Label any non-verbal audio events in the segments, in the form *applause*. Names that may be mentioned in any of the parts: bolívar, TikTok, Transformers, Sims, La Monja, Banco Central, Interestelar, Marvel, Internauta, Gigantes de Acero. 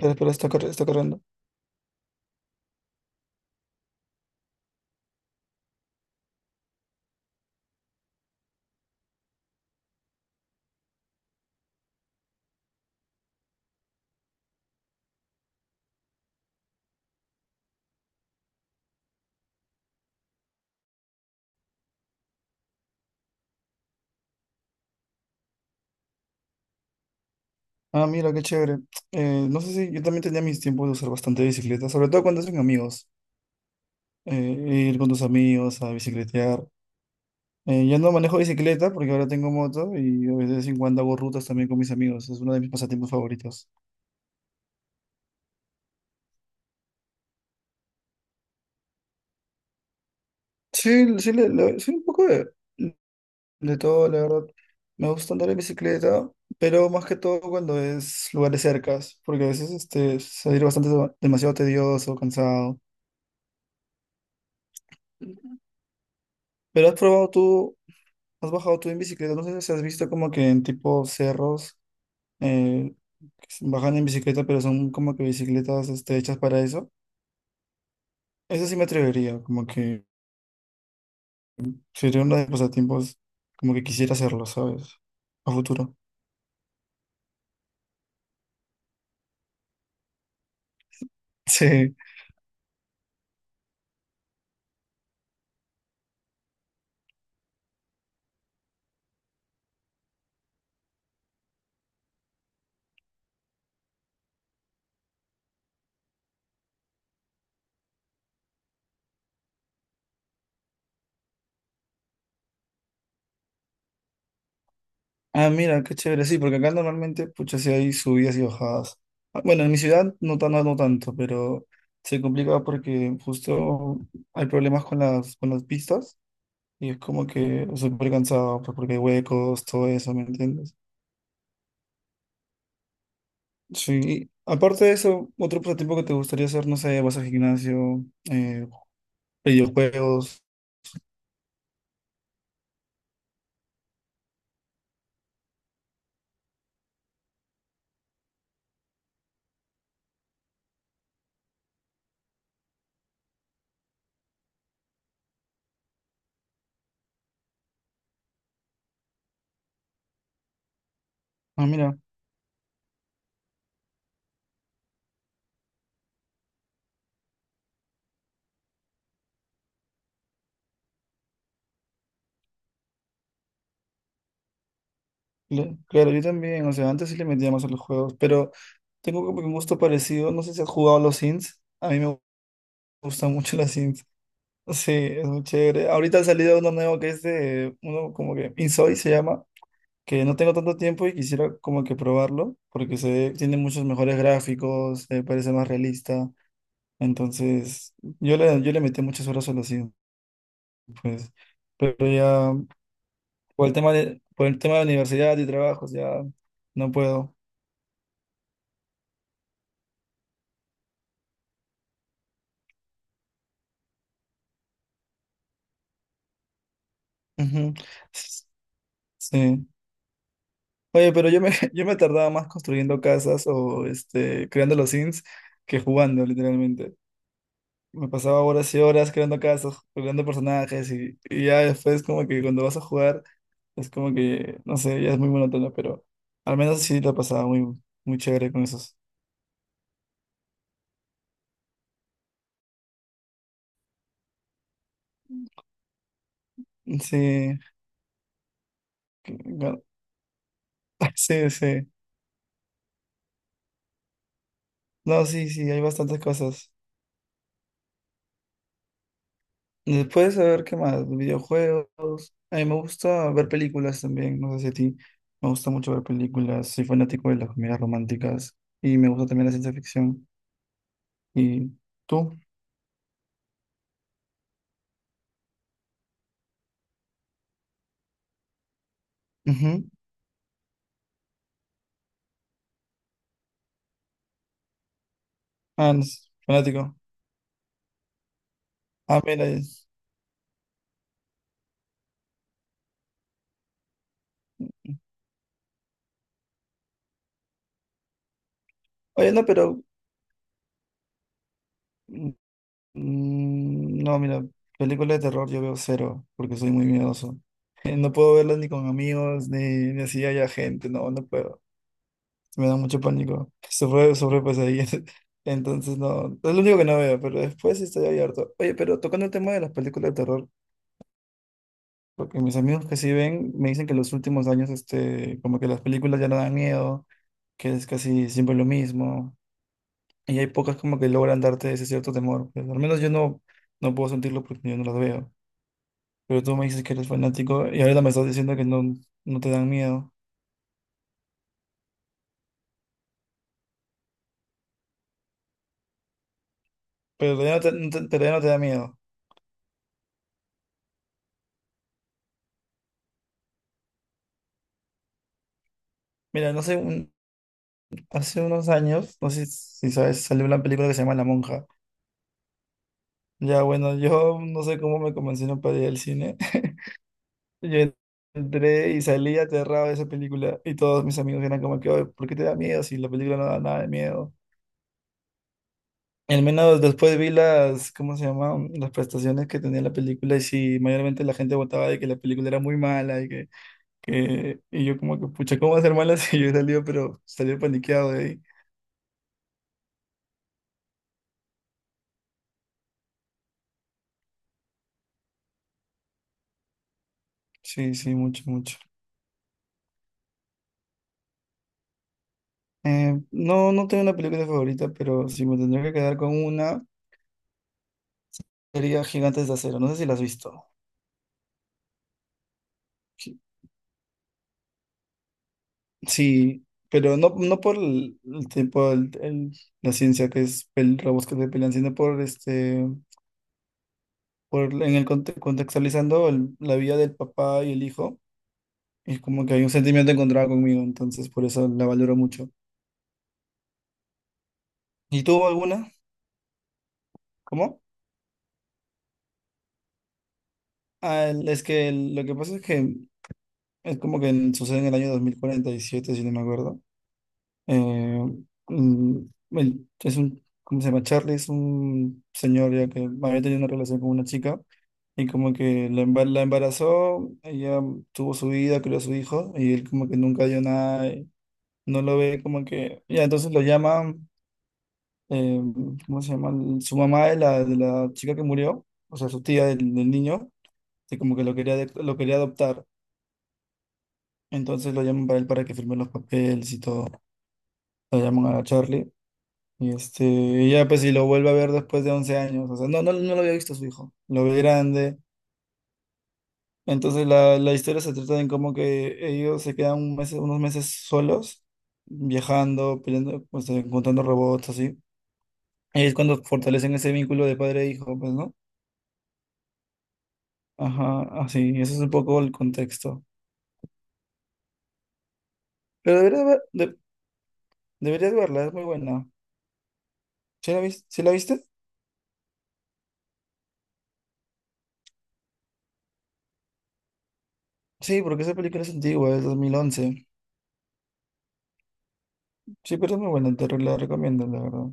Pero, está, está corriendo. Ah, mira, qué chévere. No sé si yo también tenía mis tiempos de usar bastante bicicleta, sobre todo cuando hacen amigos. Ir con tus amigos a bicicletear. Ya no manejo bicicleta porque ahora tengo moto y de vez en cuando hago rutas también con mis amigos. Es uno de mis pasatiempos favoritos. Sí, sí, sí, un poco de todo, la verdad. Me gusta andar en bicicleta, pero más que todo cuando es lugares cercas, porque a veces este, salir bastante demasiado tedioso, cansado. Pero has probado tú. ¿Has bajado tú en bicicleta? No sé si has visto como que en tipo cerros eh, que se bajan en bicicleta, pero son como que bicicletas este, hechas para eso. Eso sí me atrevería, como que sería uno de los pasatiempos como que quisiera hacerlo, ¿sabes? A futuro. *laughs* Sí. Ah, mira, qué chévere. Sí, porque acá normalmente, pucha, sí hay subidas y bajadas. Ah, bueno, en mi ciudad no, no, no tanto, pero se complica porque justo hay problemas con las pistas. Y es como que súper cansado, pues porque hay huecos, todo eso, ¿me entiendes? Sí, aparte de eso, otro pasatiempo que te gustaría hacer, no sé, ¿vas al gimnasio, eh, videojuegos? Ah, mira, claro, yo también, o sea, antes sí le metía más a los juegos, pero tengo como que un gusto parecido, no sé si has jugado a los Sims, a mí me gustan mucho los Sims. *laughs* Sí, es muy chévere. Ahorita ha salido uno nuevo que es de, uno como que Insoy se llama, que no tengo tanto tiempo y quisiera como que probarlo, porque se, tiene muchos mejores gráficos, parece más realista. Entonces, yo le metí muchas horas solo así, pues. Pero ya, por el tema de universidad y trabajos, ya no puedo. Ujú. S- Sí. Oye, *laughs* yo me tardaba más construyendo casas o este, creando los sims que jugando, literalmente. Me pasaba horas y horas creando casos, creando personajes y ya después como que cuando vas a jugar es como que, no sé, ya es muy monótono, pero al menos sí lo pasaba muy, muy chévere con esos. Sí, que- bueno, *laughs* sí, sí. No, sí, sí, hay bastantes cosas. Después, a ver, ¿qué más? Videojuegos. A mí me gusta ver películas también, no sé si a ti. Me gusta mucho ver películas, soy fanático de las comedias románticas y me gusta también la ciencia ficción. ¿Y tú? Ujú. Ah, no, fanático. Ah, mira. Oye, no, pero... mm, no, mira, películas de terror yo veo cero, porque soy muy miedoso. *laughs* No puedo verlas ni con amigos, ni, ni así haya gente, no, no puedo. Me da mucho pánico. Sobre, sobre pesadillas. *laughs* Entonces, no, es lo único que no veo, pero después sí estoy abierto. Oye, pero tocando el tema de las películas de terror, porque mis amigos que sí ven me dicen que en los últimos años, este, como que las películas ya no dan miedo, que es casi siempre lo mismo. Y hay pocas como que logran darte ese cierto temor. Pues, al menos yo no, no puedo sentirlo porque yo no las veo. Pero tú me dices que eres fanático y ahorita me estás diciendo que no, no te dan miedo. Pero ya no te, pero ya no te da miedo. Mira, no sé, hace unos años, no sé si sabes, salió una película que se llama La Monja. Ya bueno, yo no sé cómo me convencieron para ir al cine. *laughs* Yo entré y salí aterrado de esa película y todos mis amigos eran como que, "Oye, ¿por qué te da miedo si la película no da nada de miedo?" Al menos después vi las, ¿cómo se llama? Las prestaciones que tenía la película y sí mayormente la gente votaba de que la película era muy mala y y yo como que, pucha, ¿cómo va a ser mala *laughs* si yo he salido, pero salió paniqueado de ahí? Sí, sí, mucho, mucho. No, no tengo una película favorita, pero si me tendría que quedar con una, sería Gigantes de Acero. No sé si la has visto. Gi- Sí, pero no, no por el tipo, la ciencia que es el robots que se pelean, sino por este por, en el contextualizando la vida del papá y el hijo, es como que hay un sentimiento encontrado conmigo, entonces por eso la valoro mucho. ¿Y tú alguna? ¿Cómo? Ah, es que lo que pasa es que es como que sucede en el año 2047 si no me acuerdo. Eh, mm, el- es un, ¿cómo se llama? Charlie es un señor ya que había tenido una relación con una chica. Y como que la embarazó, ella tuvo su vida, crió a su hijo, y él como que nunca dio nada, no lo ve como que, ya, entonces lo llama, eh, ¿cómo se llama? Su mamá de la chica que murió, o sea, su tía del, del niño, que como que lo quería, lo quería adoptar, entonces lo llaman para él para que firme los papeles y todo, lo llaman a la Charlie, y este, y ya pues si lo vuelve a ver después de 11 años, o sea, no, no, no lo había visto a su hijo, lo ve grande, entonces la historia se trata de cómo que ellos se quedan unos meses solos, viajando, peleando, pues, encontrando robots, así. Es cuando fortalecen ese vínculo de padre e hijo, pues, ¿no? Ajá, así, ese es un poco el contexto. Pero deberías verla, es muy buena. ¿Sí la viste? ¿Sí la viste? Sí, porque esa película es antigua, es 2011. Sí, pero es muy buena, la recomiendo, la verdad.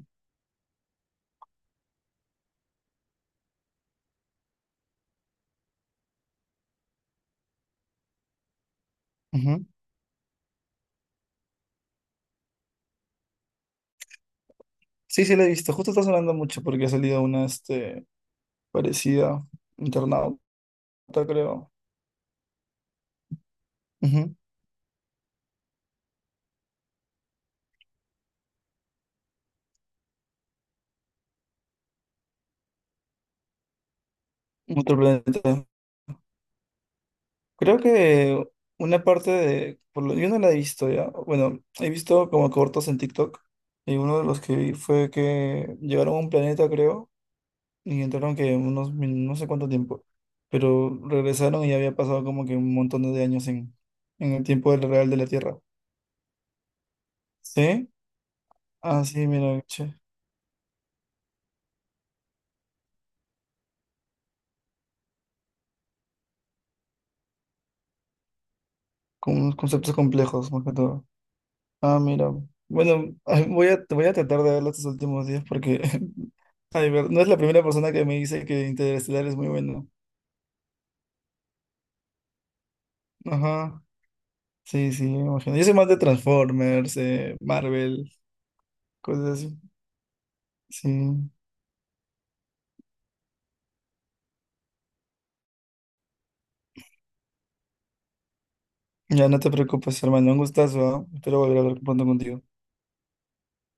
Ujú. Sí, sí la he visto. Justo está sonando mucho porque ha salido una, este, parecida, Internauta, creo. Ujú. Otro planeta. Creo que una parte de, yo no la he visto ya, bueno, he visto como cortos en TikTok y uno de los que vi fue que llegaron a un planeta, creo, y entraron que unos, no sé cuánto tiempo, pero regresaron y ya había pasado como que un montón de años en el tiempo del real de la Tierra. ¿Sí? Ah, sí, mira, che, con unos conceptos complejos más que todo. Ah, mira. Bueno, *laughs* voy a, voy a tratar de verlo estos últimos días porque *laughs* ay, no es la primera persona que me dice que Interestelar es muy bueno. Ajá, sí, sí, me imagino. Yo soy más de Transformers, Marvel, cosas así. Sí, ya no te preocupes, hermano, un gustazo, ¿ah? Espero volver a hablar pronto contigo.